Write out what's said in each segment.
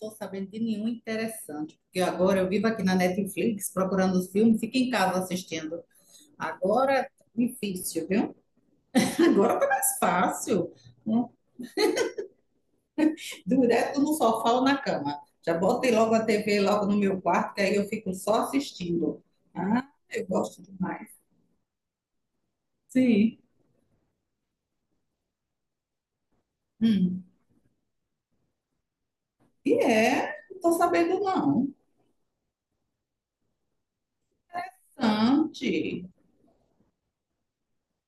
Estou sabendo de nenhum interessante, porque agora eu vivo aqui na Netflix procurando os filmes, fico em casa assistindo. Agora é difícil, viu? Agora tá mais fácil. Hum, Direto no sofá ou na cama. Já botei logo a TV logo no meu quarto, que aí eu fico só assistindo. Ah, eu gosto demais. Sim. Hum. E é, não tô sabendo não. Sante,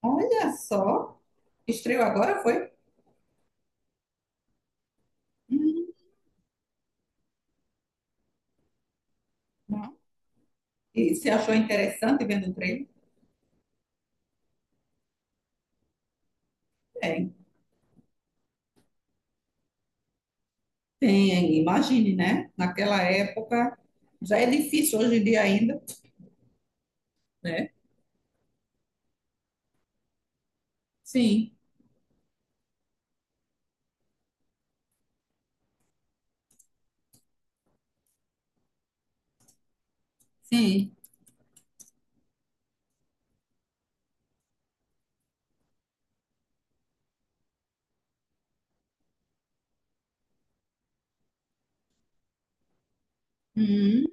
olha só. Estreou agora, foi? Hum, não. E se achou interessante vendo o trailer? É. Tem, imagine, né? Naquela época já é difícil hoje em dia ainda, né? Sim, sim. Hum,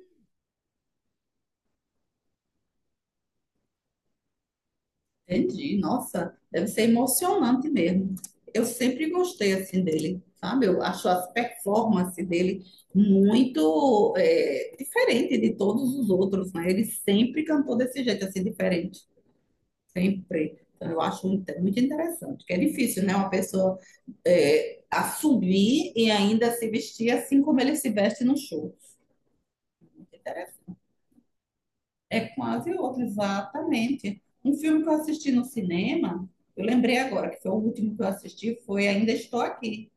entendi. Nossa, deve ser emocionante mesmo. Eu sempre gostei assim dele, sabe? Eu acho as performances dele muito diferente de todos os outros, né? Ele sempre cantou desse jeito assim diferente. Sempre. Então, eu acho muito, muito interessante, que é difícil, né? Uma pessoa assumir e ainda se vestir assim como ele se veste no show. Muito interessante. É quase outro, exatamente. Um filme que eu assisti no cinema, eu lembrei agora, que foi o último que eu assisti, foi Ainda Estou Aqui.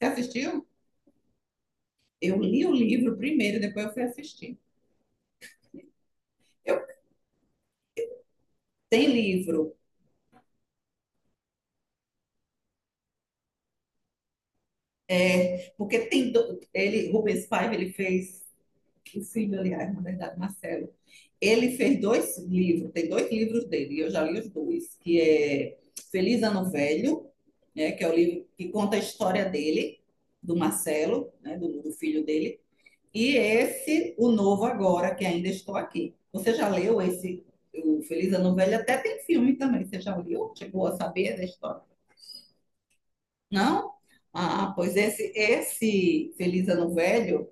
Você assistiu? Eu li o livro primeiro, depois eu fui assistir. Eu tem livro, porque tem ele, Rubens Paiva, ele fez o filho, aliás, na verdade, Marcelo. Ele fez dois livros, tem dois livros dele, e eu já li os dois, que é Feliz Ano Velho, né, que é o livro que conta a história dele, do Marcelo, né, do filho dele, e esse, o novo agora, que ainda estou aqui. Você já leu esse, o Feliz Ano Velho? Até tem filme também, você já leu? Chegou a saber da história? Não? Ah, pois esse Feliz Ano Velho,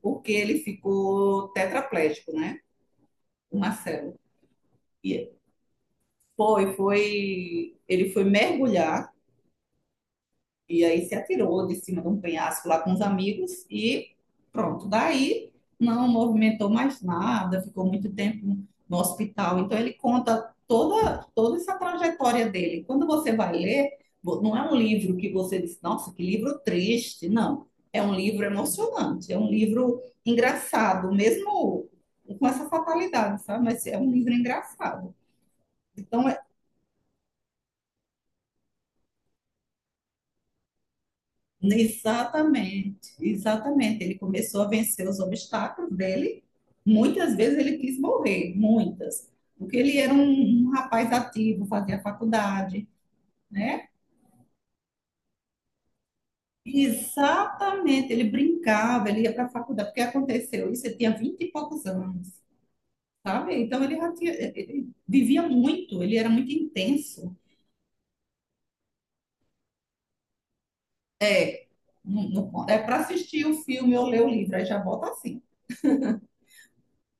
porque ele ficou tetraplégico, né? O Marcelo. E foi, foi. Ele foi mergulhar e aí se atirou de cima de um penhasco lá com os amigos e pronto. Daí não movimentou mais nada, ficou muito tempo no hospital. Então ele conta toda, toda essa trajetória dele. Quando você vai ler, não é um livro que você diz, nossa, que livro triste. Não. É um livro emocionante, é um livro engraçado, mesmo com essa fatalidade, sabe? Mas é um livro engraçado. Então exatamente, exatamente. Ele começou a vencer os obstáculos dele. Muitas vezes ele quis morrer, muitas, porque ele era um rapaz ativo, fazia faculdade, né? Exatamente, ele brincava, ele ia para a faculdade, porque aconteceu isso, ele tinha 20 e poucos anos, sabe? Então ele já tinha, ele vivia muito, ele era muito intenso. No, no, é para assistir o filme ou ler o livro, aí já bota assim.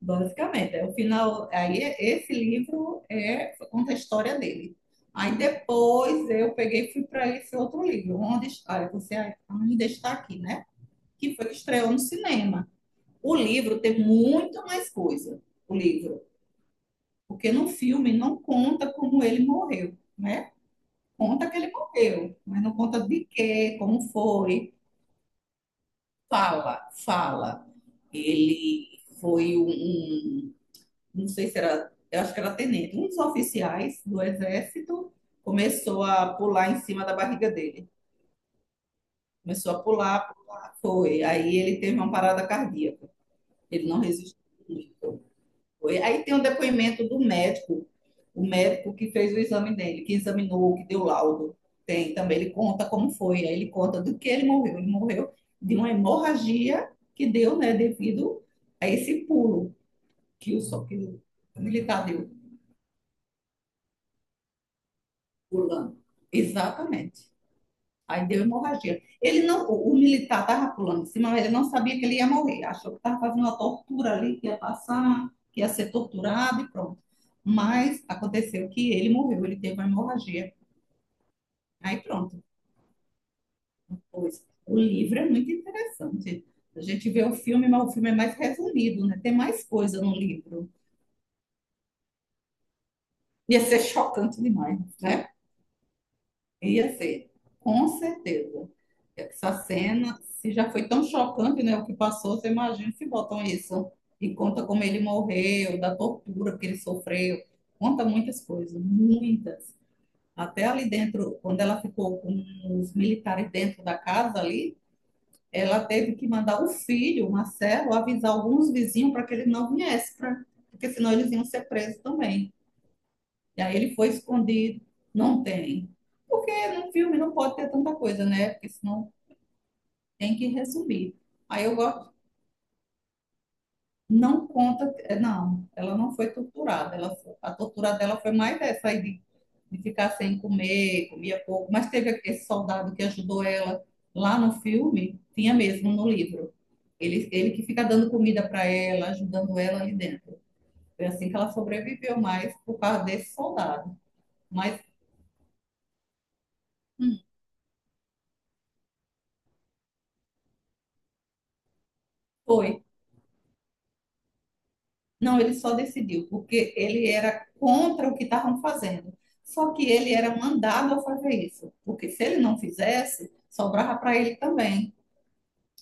Basicamente, é o final. Esse livro é conta a história dele. Aí depois eu peguei e fui para esse outro livro, onde está, você ainda está aqui, né? Que foi que estreou no cinema. O livro tem muito mais coisa, o livro, porque no filme não conta como ele morreu, né? Conta que ele morreu, mas não conta de quê, como foi. Fala, fala. Ele foi não sei se era, eu acho que era tenente, um dos oficiais do exército começou a pular em cima da barriga dele. Começou a pular, foi. Aí ele teve uma parada cardíaca. Ele não resistiu muito. Foi. Aí tem um depoimento do médico, o médico que fez o exame dele, que examinou, que deu laudo. Tem também, ele conta como foi, aí ele conta do que ele morreu. Ele morreu de uma hemorragia que deu, né, devido a esse pulo que que o militar deu. Pulando. Exatamente. Aí deu hemorragia. Ele não, o militar estava pulando em cima, mas ele não sabia que ele ia morrer. Achou que estava fazendo uma tortura ali, que ia passar, que ia ser torturado e pronto. Mas aconteceu que ele morreu, ele teve uma hemorragia. Aí pronto. Pois, o livro é muito interessante. A gente vê o filme, mas o filme é mais resumido, né? Tem mais coisa no livro. Ia ser chocante demais, né? Ia ser, com certeza. Essa cena, se já foi tão chocante, né, o que passou, você imagina se botam isso e conta como ele morreu, da tortura que ele sofreu, conta muitas coisas, muitas. Até ali dentro, quando ela ficou com os militares dentro da casa ali, ela teve que mandar o filho, o Marcelo, avisar alguns vizinhos para que ele não viesse, pra, porque senão eles iam ser presos também. E aí ele foi escondido, não tem. Porque no filme não pode ter tanta coisa, né? Porque senão tem que resumir. Aí eu gosto, não conta, não, ela não foi torturada, a tortura dela foi mais essa aí de ficar sem comer, comia pouco, mas teve esse soldado que ajudou ela lá no filme, tinha mesmo no livro. Ele que fica dando comida para ela, ajudando ela ali dentro. Foi assim que ela sobreviveu mais por causa desse soldado. Mas hum, foi, não, ele só decidiu, porque ele era contra o que estavam fazendo. Só que ele era mandado a fazer isso, porque se ele não fizesse, sobrava para ele também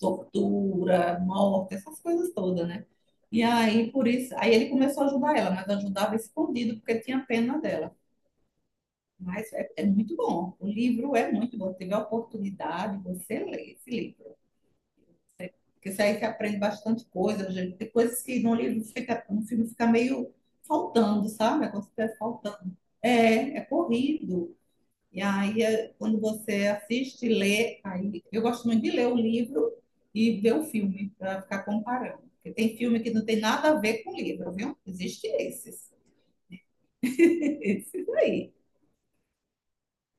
tortura, morte, essas coisas todas, né? E aí, por isso, aí ele começou a ajudar ela, mas ajudava escondido, porque tinha pena dela. Mas é muito bom. O livro é muito bom. Teve a oportunidade, você lê esse livro. Porque isso aí você aprende bastante coisa, gente. Tem coisas que no livro fica, no filme fica meio faltando, sabe? É como se estivesse faltando. É, é corrido. E aí, quando você assiste e lê, aí eu gosto muito de ler o livro e ver o filme, para ficar comparando. Porque tem filme que não tem nada a ver com o livro, viu? Existe esses. Esses aí.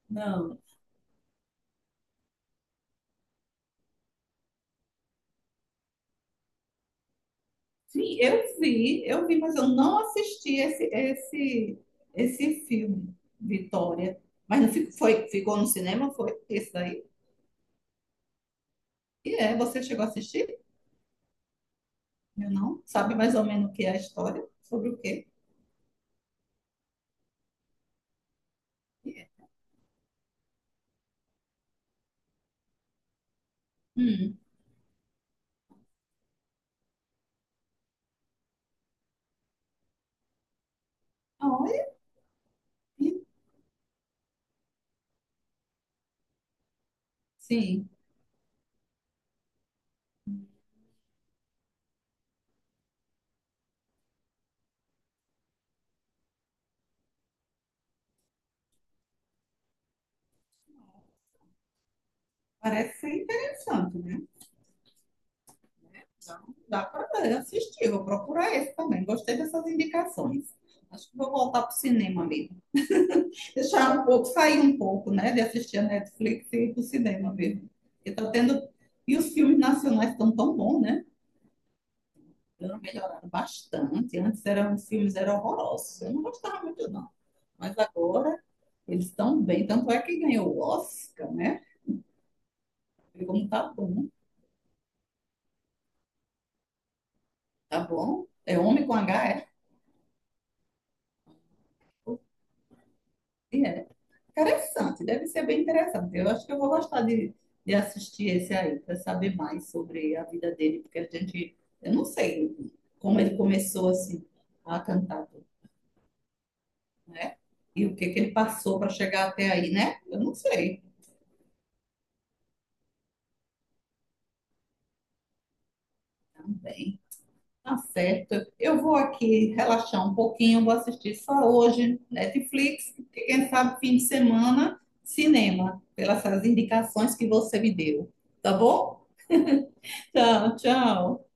Não. Sim, eu vi, mas eu não assisti esse, esse filme, Vitória. Mas foi, ficou no cinema, foi esse daí? E é, você chegou a assistir? Eu não. Sabe mais ou menos o que é a história? Sobre o quê? Hum. Olha, sim, parece ser interessante, né? Então, dá para assistir, vou procurar esse também. Gostei dessas indicações. Acho que vou voltar para o cinema mesmo, deixar um pouco, sair um pouco, né, de assistir a Netflix e ir para o cinema mesmo. E tá tendo e os filmes nacionais estão tão bons, né? Então, melhoraram bastante. Antes eram os filmes eram horrorosos. Eu não gostava muito não. Mas agora eles estão bem. Tanto é que ganhou o Oscar, né? E como tá bom, tá bom. É homem com H, é. E é. Interessante, deve ser bem interessante. Eu acho que eu vou gostar de assistir esse aí, para saber mais sobre a vida dele, porque a gente, eu não sei como ele começou assim a cantar, né? E o que que ele passou para chegar até aí, né? Eu não sei. Bem, tá certo. Eu vou aqui relaxar um pouquinho, vou assistir só hoje Netflix, porque quem sabe fim de semana, cinema, pelas essas indicações que você me deu. Tá bom? Tchau, tchau.